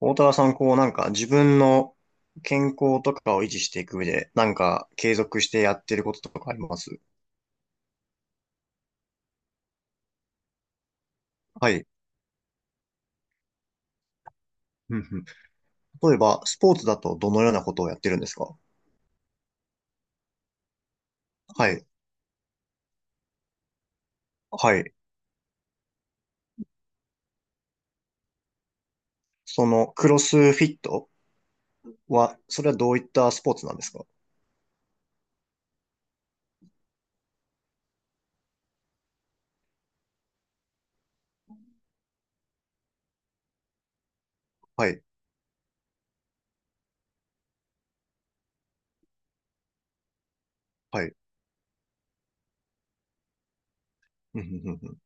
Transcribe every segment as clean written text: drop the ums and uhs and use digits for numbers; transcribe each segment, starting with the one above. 大田さん、こうなんか自分の健康とかを維持していく上で、なんか継続してやってることとかあります？はい。うんうん。例えば、スポーツだとどのようなことをやってるんですか？はい。はい。その、クロスフィットは、それはどういったスポーツなんですか？はい。はい。うんうんうんうん。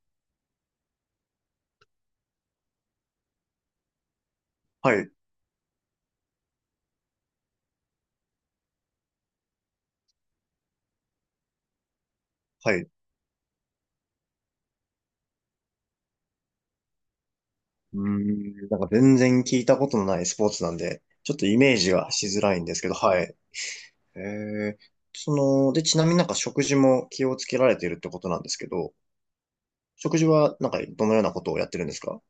はい。はい。うーん。なんか全然聞いたことのないスポーツなんで、ちょっとイメージはしづらいんですけど、はい。えー、その、で、ちなみになんか食事も気をつけられてるってことなんですけど、食事は、なんか、どのようなことをやってるんですか？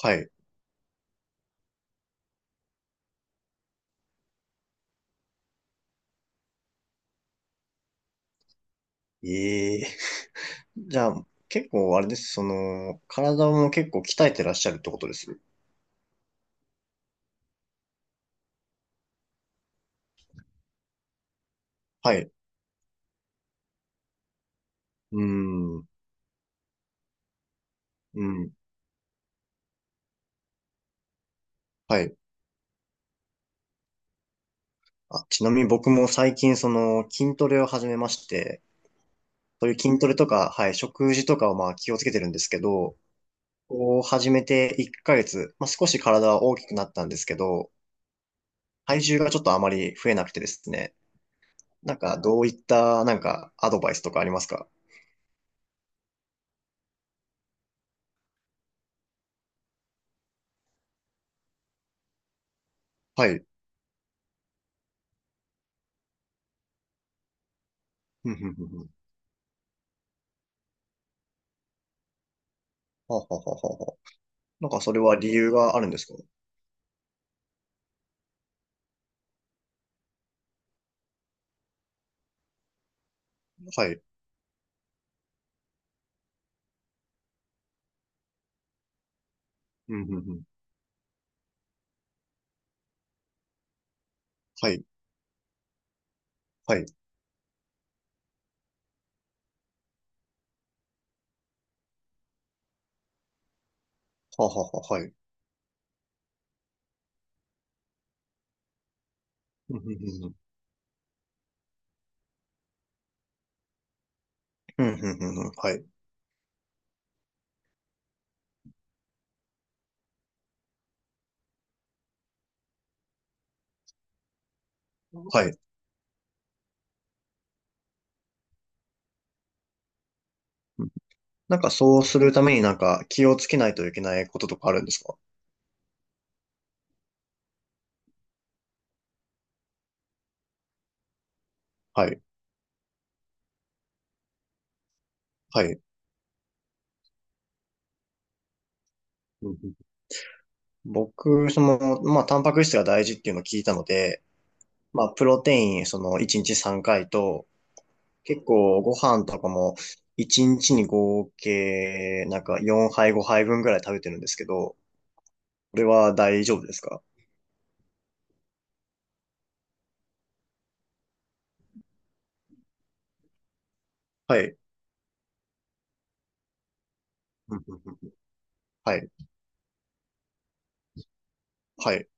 はい。ええ。じゃあ、結構、あれです。その、体も結構鍛えてらっしゃるってことです。はい。うーん。うん。はい。あ、ちなみに僕も最近、その、筋トレを始めまして、そういう筋トレとか、はい、食事とかをまあ気をつけてるんですけど、こう始めて1ヶ月、まあ少し体は大きくなったんですけど、体重がちょっとあまり増えなくてですね、なんか、どういった、なんか、アドバイスとかありますか？はい。ふんふんふんふん。はあはあはあはあはあ。なんかそれは理由があるんですか？はい。うんうんうん。はい。はい。はあはあはあ、はい。うんうんうんうん。うんうんうんうん。はい。はい。うん。なんかそうするためになんか気をつけないといけないこととかあるんですか？はい。はい。うんうん。僕、その、まあ、タンパク質が大事っていうのを聞いたので、まあ、プロテイン、その、1日3回と、結構ご飯とかも、1日にちに合計、なんか4杯5杯分ぐらい食べてるんですけど、これは大丈夫ですか？はい。うんうんうん。はい。はい。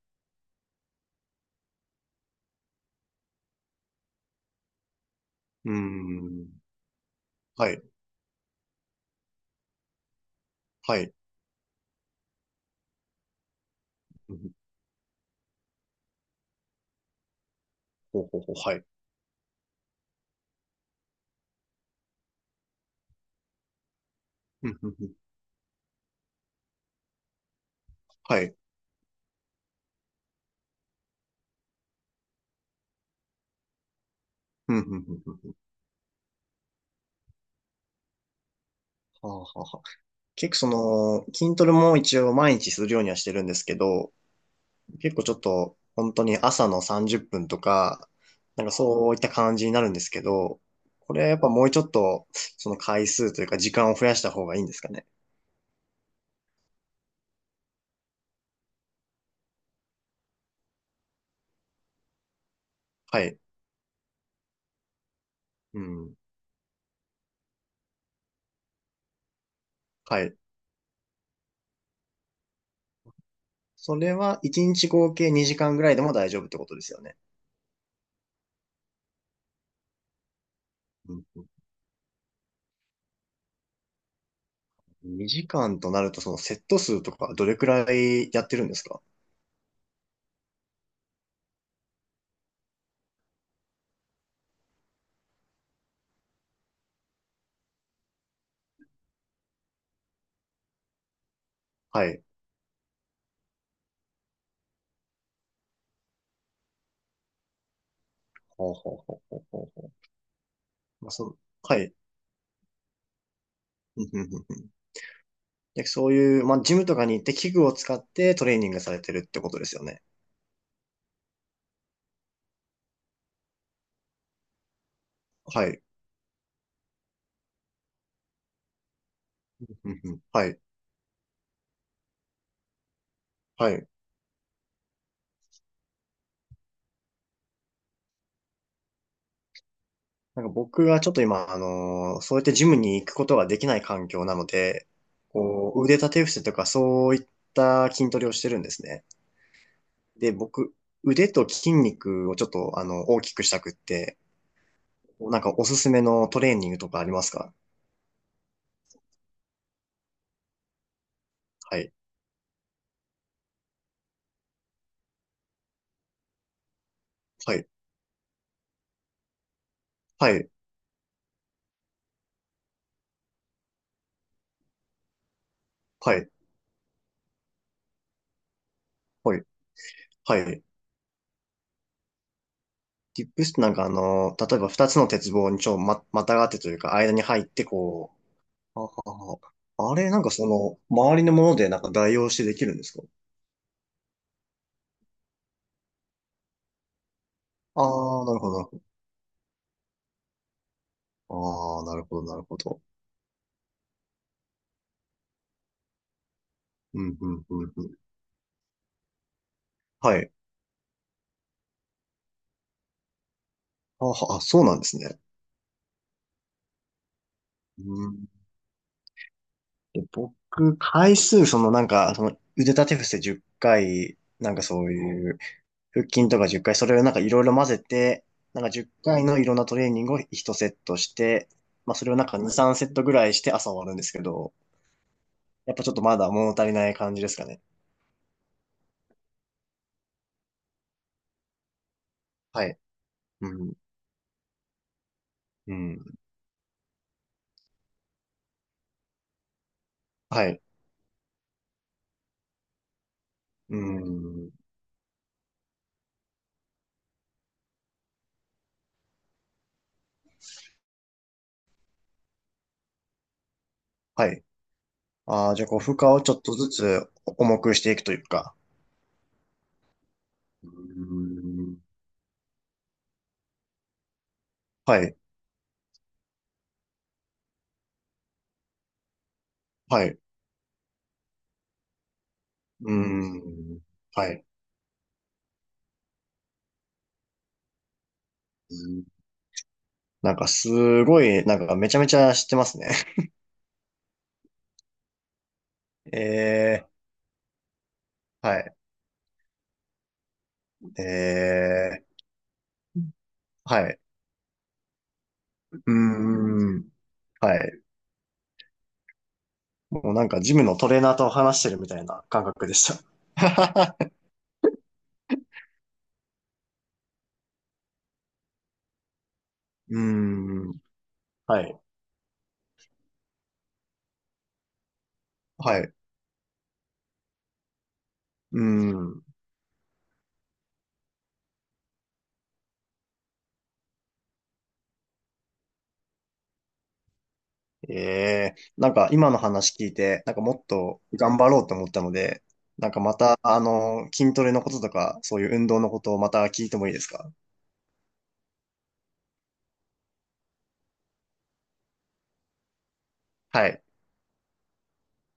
うーん。はい。はい。うんうん。ほうほうほう。はい。うんうんうん。はい。うんうんうんうん。はあはあはあ。結構その、筋トレも一応毎日するようにはしてるんですけど、結構ちょっと本当に朝の30分とか、なんかそういった感じになるんですけど、これはやっぱもうちょっと、その回数というか時間を増やした方がいいんですかね。はい。うん。はい。それは1日合計2時間ぐらいでも大丈夫ってことですよね。2時間となると、そのセット数とかどれくらいやってるんですか？はい。ほうほうほうほうほうほう。まあ、その、はい。うんうんうんうん。で、そういう、まあ、ジムとかに行って器具を使ってトレーニングされてるってことですよね。はい。うんうん。はい。はい。なんか僕はちょっと今、そうやってジムに行くことができない環境なので、こう、腕立て伏せとかそういった筋トレをしてるんですね。で、僕、腕と筋肉をちょっと、あの、大きくしたくって、なんかおすすめのトレーニングとかありますか？はい。はい。はい。はい。はい。はい。ディップスってなんかあの、例えば二つの鉄棒にちょ、ま、またがってというか、間に入ってこう、あはは。あれ、なんかその、周りのものでなんか代用してできるんですか？ああー、なるほど、なるほど。ああ、なるほど、なるほど。うん、うん、うん、うん。はい。あは、あ、そうなんですね。うん。で、僕、回数、そのなんか、その腕立て伏せ10回、なんかそういう、腹筋とか10回、それをなんかいろいろ混ぜて、なんか10回のいろんなトレーニングを1セットして、まあそれをなんか2、3セットぐらいして朝終わるんですけど、やっぱちょっとまだ物足りない感じですかね。はい。うん。うん。はい。うん。はい。ああ、じゃあこう負荷をちょっとずつ重くしていくというか。うん。はい。はい。うん。はい。うん。なんかすごい、なんかめちゃめちゃ知ってますね。ええ。はい。ええ。はい。うーん。はい。もうなんかジムのトレーナーと話してるみたいな感覚でした。うーん。はい。はい。うーん。ええ、なんか今の話聞いて、なんかもっと頑張ろうと思ったので、なんかまた、あの、筋トレのこととか、そういう運動のことをまた聞いてもいいですか？はい。